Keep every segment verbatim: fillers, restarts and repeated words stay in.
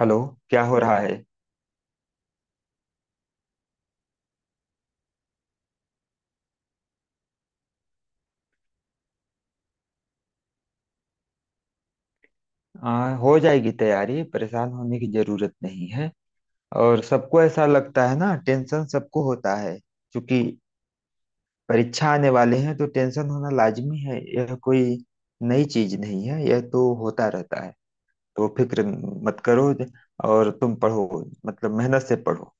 Hello. क्या हो रहा है? आ, हो जाएगी तैयारी, परेशान होने की जरूरत नहीं है। और सबको ऐसा लगता है ना, टेंशन सबको होता है क्योंकि परीक्षा आने वाले हैं तो टेंशन होना लाजमी है। यह कोई नई चीज नहीं है, यह तो होता रहता है। तो फिक्र मत करो और तुम पढ़ो, मतलब मेहनत से पढ़ो।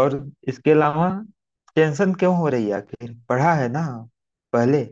और इसके अलावा टेंशन क्यों हो रही है, आखिर पढ़ा है ना पहले?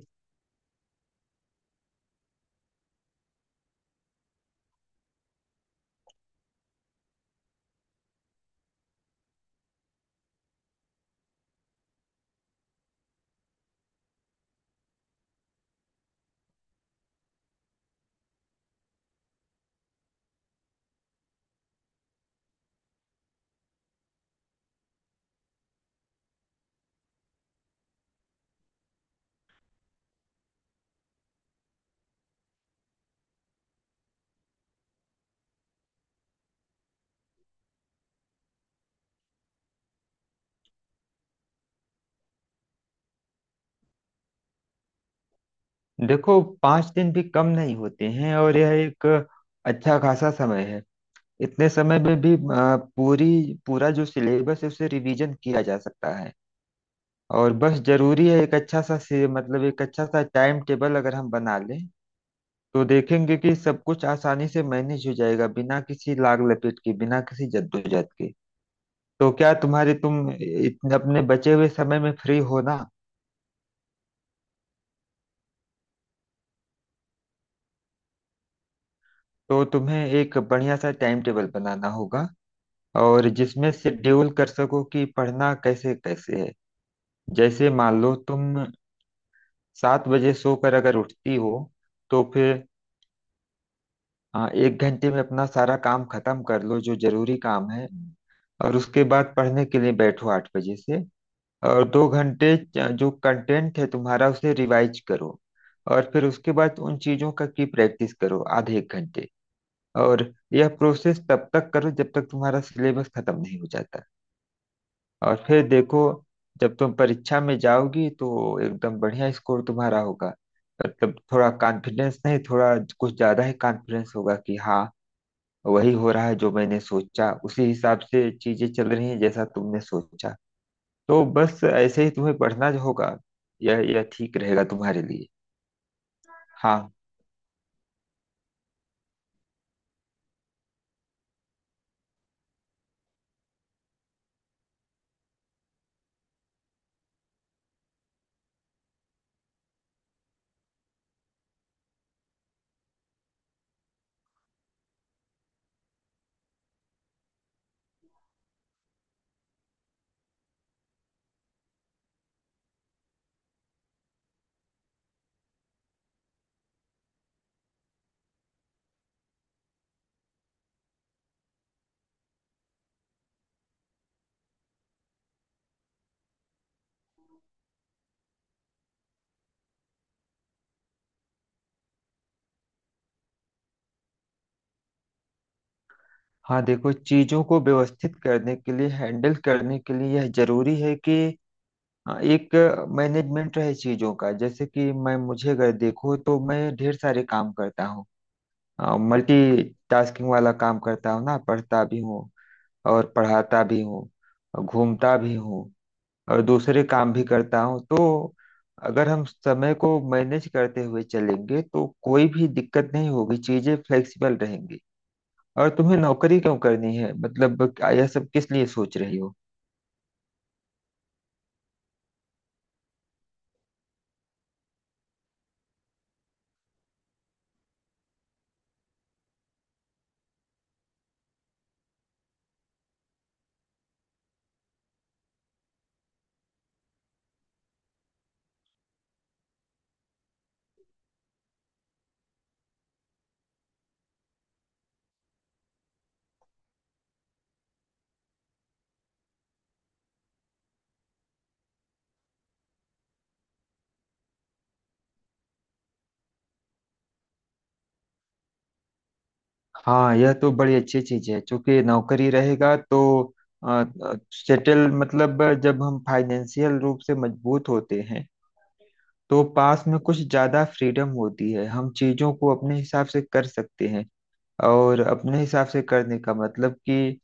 देखो, पांच दिन भी कम नहीं होते हैं और यह एक अच्छा खासा समय है। इतने समय में भी अ, पूरी पूरा जो सिलेबस है उसे रिवीजन किया जा सकता है। और बस जरूरी है एक अच्छा सा से, मतलब एक अच्छा सा टाइम टेबल अगर हम बना लें तो देखेंगे कि सब कुछ आसानी से मैनेज हो जाएगा, बिना किसी लाग लपेट के, बिना किसी जद्दोजहद के। तो क्या तुम्हारे तुम इतने अपने बचे हुए समय में फ्री हो ना? तो तुम्हें एक बढ़िया सा टाइम टेबल बनाना होगा, और जिसमें शेड्यूल कर सको कि पढ़ना कैसे कैसे है। जैसे मान लो तुम सात बजे सोकर अगर उठती हो तो फिर आ, एक घंटे में अपना सारा काम खत्म कर लो जो जरूरी काम है। और उसके बाद पढ़ने के लिए बैठो आठ बजे से, और दो घंटे च- जो कंटेंट है तुम्हारा उसे रिवाइज करो। और फिर उसके बाद उन चीजों का की प्रैक्टिस करो आधे एक घंटे। और यह प्रोसेस तब तक करो जब तक तुम्हारा सिलेबस खत्म नहीं हो जाता। और फिर देखो, जब तुम परीक्षा में जाओगी तो एकदम बढ़िया स्कोर तुम्हारा होगा। मतलब थोड़ा कॉन्फिडेंस नहीं, थोड़ा कुछ ज्यादा ही कॉन्फिडेंस होगा कि हाँ, वही हो रहा है जो मैंने सोचा, उसी हिसाब से चीजें चल रही हैं जैसा तुमने सोचा। तो बस ऐसे ही तुम्हें पढ़ना जो होगा, यह यह ठीक रहेगा तुम्हारे लिए। हाँ, हाँ, देखो, चीजों को व्यवस्थित करने के लिए, हैंडल करने के लिए यह जरूरी है कि हाँ, एक मैनेजमेंट है चीजों का। जैसे कि मैं मुझे अगर देखो तो मैं ढेर सारे काम करता हूँ, मल्टी टास्किंग वाला काम करता हूँ ना, पढ़ता भी हूँ और पढ़ाता भी हूँ और घूमता भी हूँ और दूसरे काम भी करता हूँ। तो अगर हम समय को मैनेज करते हुए चलेंगे तो कोई भी दिक्कत नहीं होगी, चीजें फ्लेक्सिबल रहेंगी। और तुम्हें नौकरी क्यों करनी है, मतलब यह सब किस लिए सोच रही हो? हाँ, यह तो बड़ी अच्छी चीज है, क्योंकि नौकरी रहेगा तो सेटल, मतलब जब हम फाइनेंशियल रूप से मजबूत होते हैं तो पास में कुछ ज्यादा फ्रीडम होती है, हम चीजों को अपने हिसाब से कर सकते हैं। और अपने हिसाब से करने का मतलब कि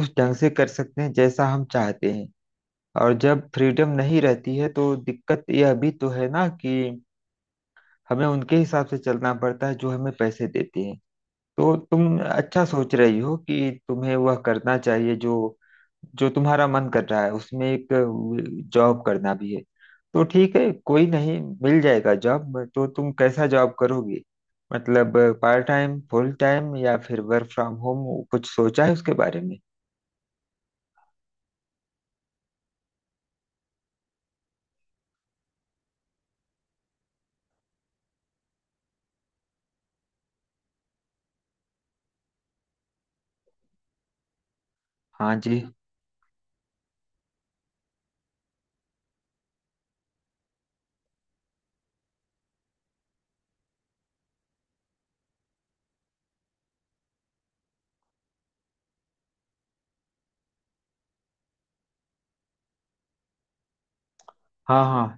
उस ढंग से कर सकते हैं जैसा हम चाहते हैं। और जब फ्रीडम नहीं रहती है तो दिक्कत यह भी तो है ना कि हमें उनके हिसाब से चलना पड़ता है जो हमें पैसे देते हैं। तो तुम अच्छा सोच रही हो कि तुम्हें वह करना चाहिए जो जो तुम्हारा मन कर रहा है, उसमें एक जॉब करना भी है। तो ठीक है, कोई नहीं मिल जाएगा जॉब। तो तुम कैसा जॉब करोगी, मतलब पार्ट टाइम, फुल टाइम या फिर वर्क फ्रॉम होम, कुछ सोचा है उसके बारे में? हाँ जी। हाँ, हाँ।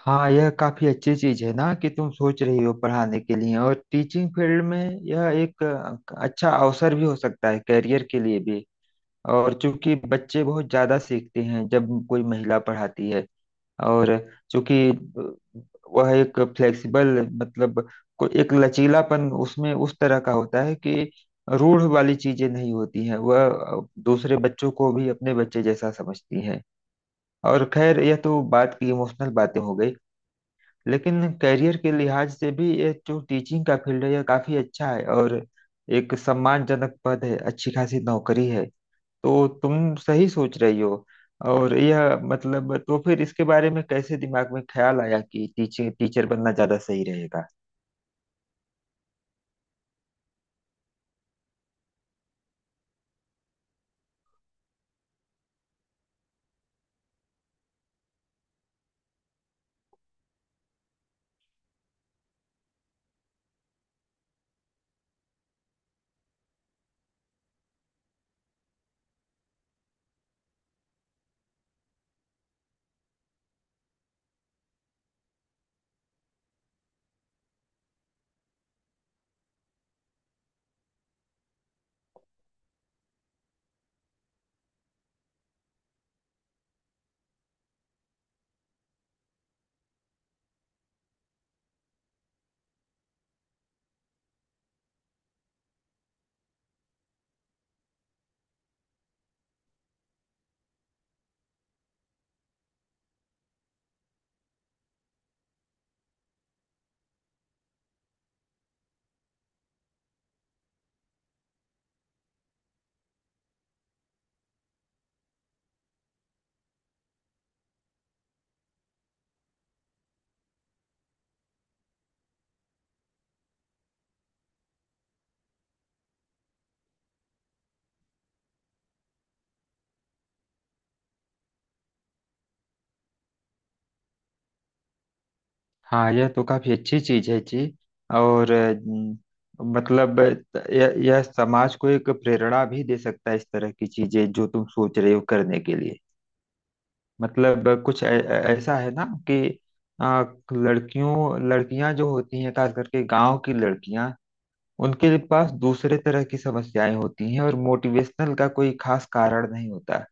हाँ, यह काफी अच्छी चीज है ना कि तुम सोच रही हो पढ़ाने के लिए, और टीचिंग फील्ड में यह एक अ, अच्छा अवसर भी हो सकता है, करियर के लिए भी। और चूंकि बच्चे बहुत ज्यादा सीखते हैं जब कोई महिला पढ़ाती है, और चूंकि वह एक फ्लेक्सिबल, मतलब को एक लचीलापन उसमें उस तरह का होता है कि रूढ़ वाली चीजें नहीं होती हैं, वह दूसरे बच्चों को भी अपने बच्चे जैसा समझती हैं। और खैर, यह तो बात की इमोशनल बातें हो गई, लेकिन कैरियर के लिहाज से भी यह जो टीचिंग का फील्ड है यह काफी अच्छा है, और एक सम्मानजनक पद है, अच्छी खासी नौकरी है। तो तुम सही सोच रही हो। और यह मतलब, तो फिर इसके बारे में कैसे दिमाग में ख्याल आया कि टीचर टीचर बनना ज्यादा सही रहेगा? हाँ, यह तो काफी अच्छी चीज है जी। और अम, मतलब यह यह समाज को एक प्रेरणा भी दे सकता है, इस तरह की चीजें जो तुम सोच रहे हो करने के लिए। मतलब कुछ ऐ- ऐसा है ना कि आ, लड़कियों लड़कियां जो होती हैं, खास करके गांव की लड़कियां, उनके पास दूसरे तरह की समस्याएं होती हैं और मोटिवेशनल का कोई खास कारण नहीं होता।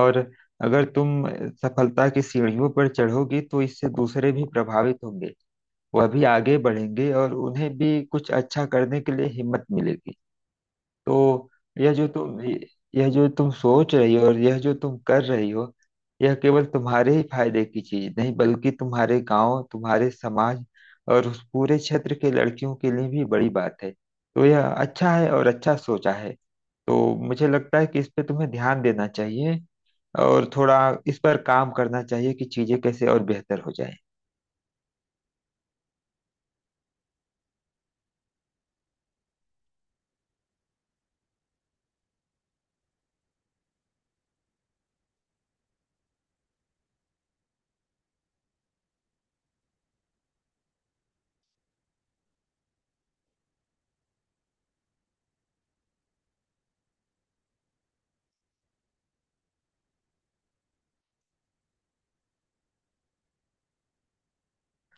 और अगर तुम सफलता की सीढ़ियों पर चढ़ोगी तो इससे दूसरे भी प्रभावित होंगे, वह भी आगे बढ़ेंगे और उन्हें भी कुछ अच्छा करने के लिए हिम्मत मिलेगी। तो यह जो तुम यह जो तुम सोच रही हो और यह जो तुम कर रही हो, यह केवल तुम्हारे ही फायदे की चीज नहीं बल्कि तुम्हारे गांव, तुम्हारे समाज और उस पूरे क्षेत्र के लड़कियों के लिए भी बड़ी बात है। तो यह अच्छा है और अच्छा सोचा है। तो मुझे लगता है कि इस पे तुम्हें ध्यान देना चाहिए और थोड़ा इस पर काम करना चाहिए कि चीजें कैसे और बेहतर हो जाए।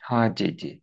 हाँ जी जी।